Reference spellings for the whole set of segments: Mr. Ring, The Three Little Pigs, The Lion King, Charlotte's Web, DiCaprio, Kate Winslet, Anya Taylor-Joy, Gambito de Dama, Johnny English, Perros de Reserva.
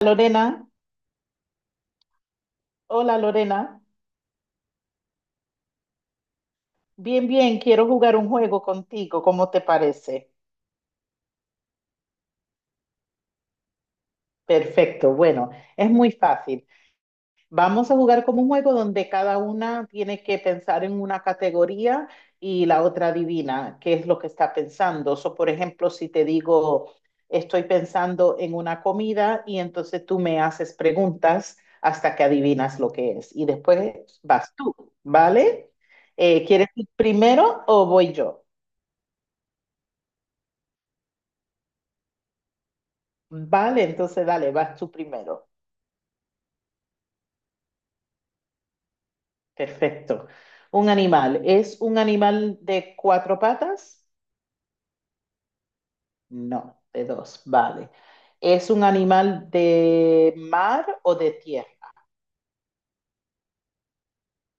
Lorena, hola Lorena, bien, bien, quiero jugar un juego contigo, ¿cómo te parece? Perfecto, bueno, es muy fácil. Vamos a jugar como un juego donde cada una tiene que pensar en una categoría y la otra adivina qué es lo que está pensando. So, por ejemplo, si te digo, estoy pensando en una comida y entonces tú me haces preguntas hasta que adivinas lo que es y después vas tú, ¿vale? ¿Quieres ir primero o voy yo? Vale, entonces dale, vas tú primero. Perfecto. Un animal. ¿Es un animal de cuatro patas? No, de dos. Vale. ¿Es un animal de mar o de tierra?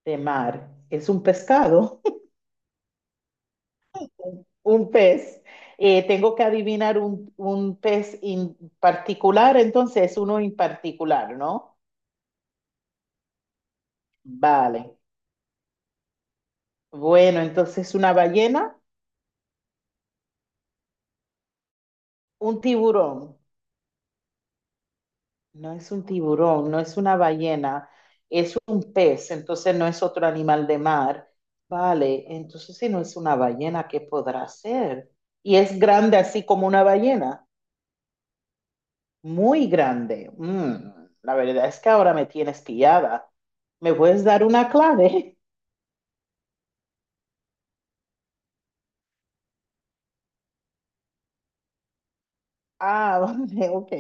De mar. ¿Es un pescado? Un pez. Tengo que adivinar un pez en particular, entonces uno en particular, ¿no? Vale. Bueno, entonces una ballena, un tiburón. No es un tiburón, no es una ballena, es un pez, entonces no es otro animal de mar. Vale, entonces si no es una ballena, ¿qué podrá ser? Y es grande así como una ballena, muy grande. La verdad es que ahora me tienes pillada. ¿Me puedes dar una clave? Ah, vale, ok.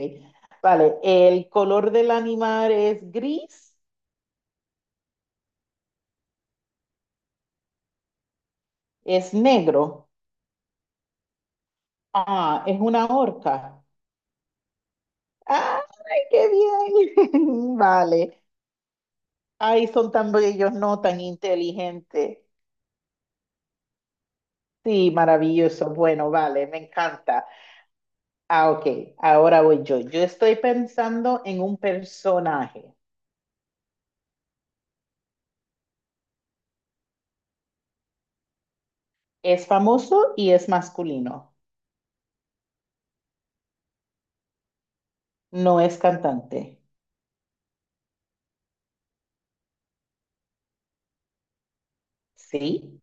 Vale, el color del animal es gris, es negro. Ah, es una orca. ¡Ay, qué bien! Vale. Ay, son tan bellos, no tan inteligentes. Sí, maravilloso. Bueno, vale, me encanta. Ah, ok, ahora voy yo. Yo estoy pensando en un personaje. Es famoso y es masculino. No es cantante. Sí,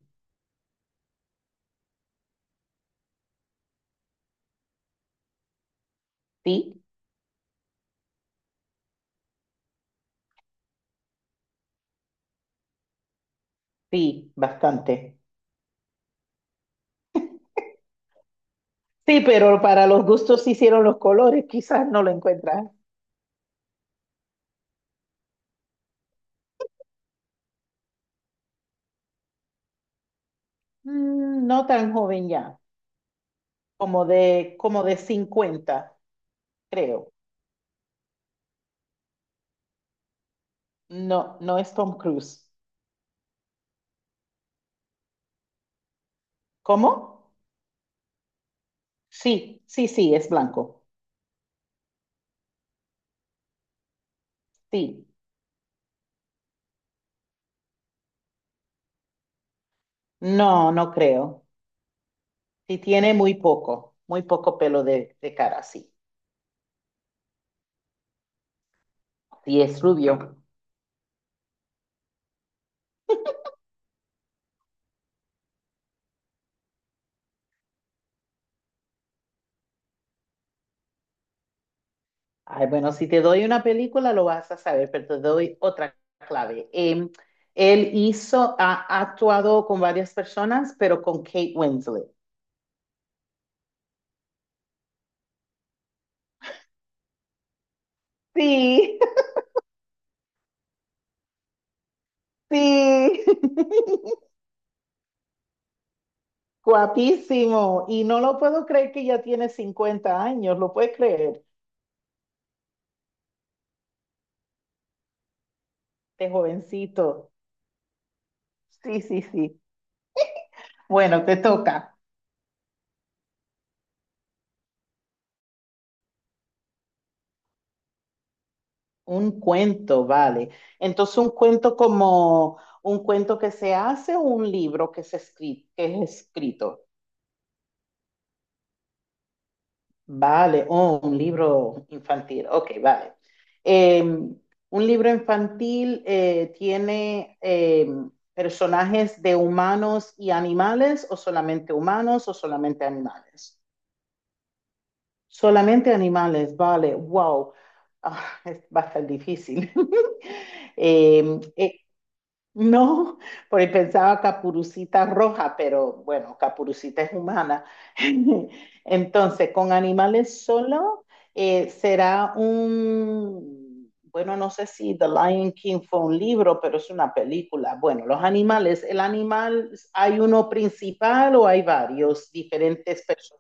sí, sí, bastante. Sí, pero para los gustos se hicieron los colores, quizás no lo encuentras. No tan joven ya, como como de 50, creo. No, no es Tom Cruise. ¿Cómo? Sí, sí, sí, es blanco. Sí. No, no creo. Sí, tiene muy poco pelo de cara, sí. Sí, es rubio. Ay, bueno, si te doy una película lo vas a saber, pero te doy otra clave. Él hizo, ha actuado con varias personas, pero con Kate Winslet. Sí, sí. Guapísimo. Y no lo puedo creer que ya tiene 50 años, lo puedes creer, de jovencito. Sí, sí, sí. Bueno, te toca. Un cuento, vale. Entonces, un cuento como un cuento que se hace o un libro que que es escrito. Vale, oh, un libro infantil. Ok, vale. Un libro infantil tiene personajes de humanos y animales, o solamente humanos, o solamente animales. Solamente animales, vale. Wow. Va a estar difícil. Eh, No, porque pensaba Capurucita roja, pero bueno, Capurucita es humana. Entonces, con animales solo será un, bueno, no sé si The Lion King fue un libro, pero es una película. Bueno, los animales, el animal, ¿hay uno principal o hay varios diferentes personas?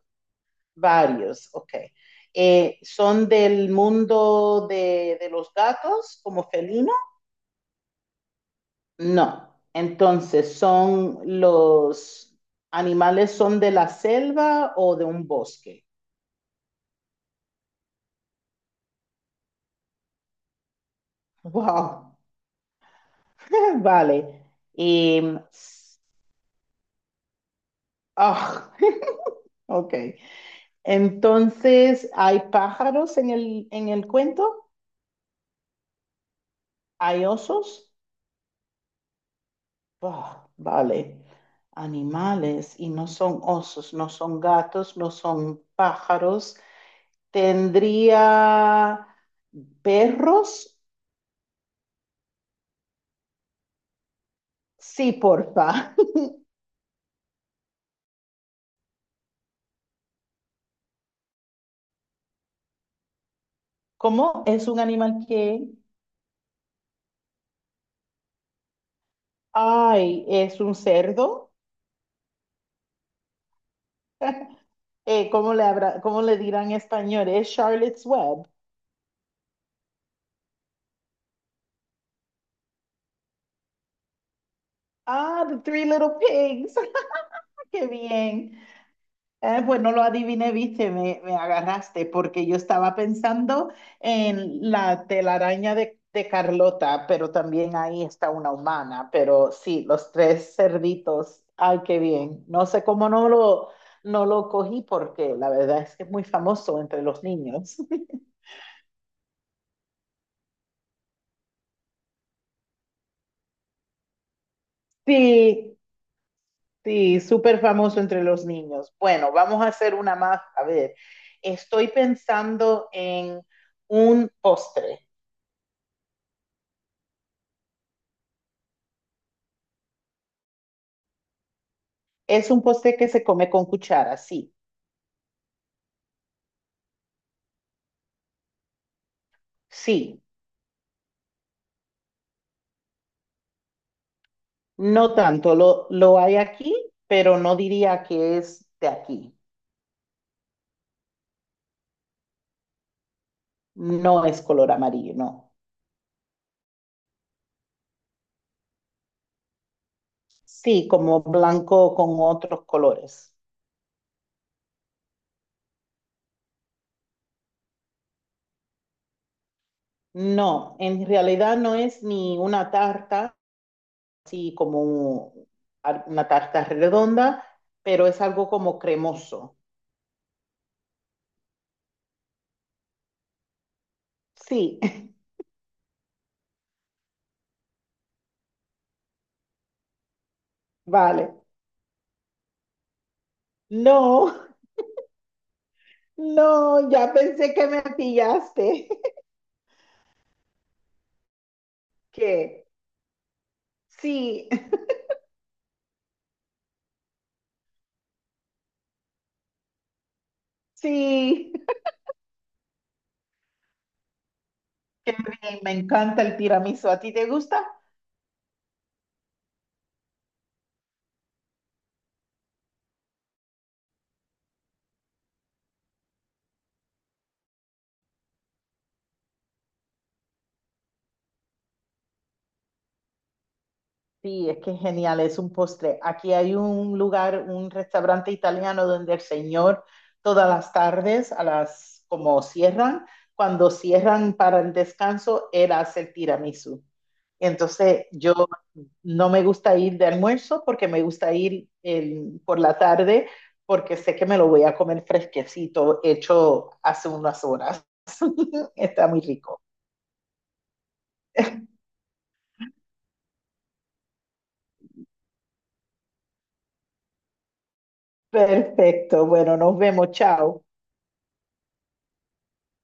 Varios, ok. ¿Son del mundo de los gatos como felino? No, entonces son los animales son de la selva o de un bosque. Wow, vale. Y, ah, ok. Entonces, ¿hay pájaros en el cuento? ¿Hay osos? Ah, vale. Animales y no son osos, no son gatos, no son pájaros. ¿Tendría perros? Sí, porfa. ¿Cómo es un animal que, ay, es un cerdo? ¿Cómo le habrá, cómo le dirán en español? Es Charlotte's Web. Ah, The Three Little Pigs. Qué bien. Pues no lo adiviné, viste, me agarraste, porque yo estaba pensando en la telaraña de Carlota, pero también ahí está una humana. Pero sí, los 3 cerditos. Ay, qué bien. No sé cómo no lo cogí, porque la verdad es que es muy famoso entre los niños. Sí, sí, súper famoso entre los niños. Bueno, vamos a hacer una más. A ver, estoy pensando en un postre. Es un postre que se come con cuchara, sí, sí, no tanto. Lo hay aquí, pero no diría que es de aquí. No es color amarillo, no. Sí, como blanco con otros colores. No, en realidad no es ni una tarta así como una tarta redonda, pero es algo como cremoso. Sí, vale. No, no, ya pensé que me pillaste. ¿Qué? Sí, sí. Qué bien, me encanta el tiramisú. ¿A ti te gusta? Sí, es que es genial, es un postre. Aquí hay un lugar, un restaurante italiano donde el señor todas las tardes, a las como cierran, cuando cierran para el descanso, él hace el tiramisú. Entonces, yo no me gusta ir de almuerzo porque me gusta ir por la tarde porque sé que me lo voy a comer fresquecito, hecho hace unas horas. Está muy rico. Perfecto, bueno, nos vemos, chao.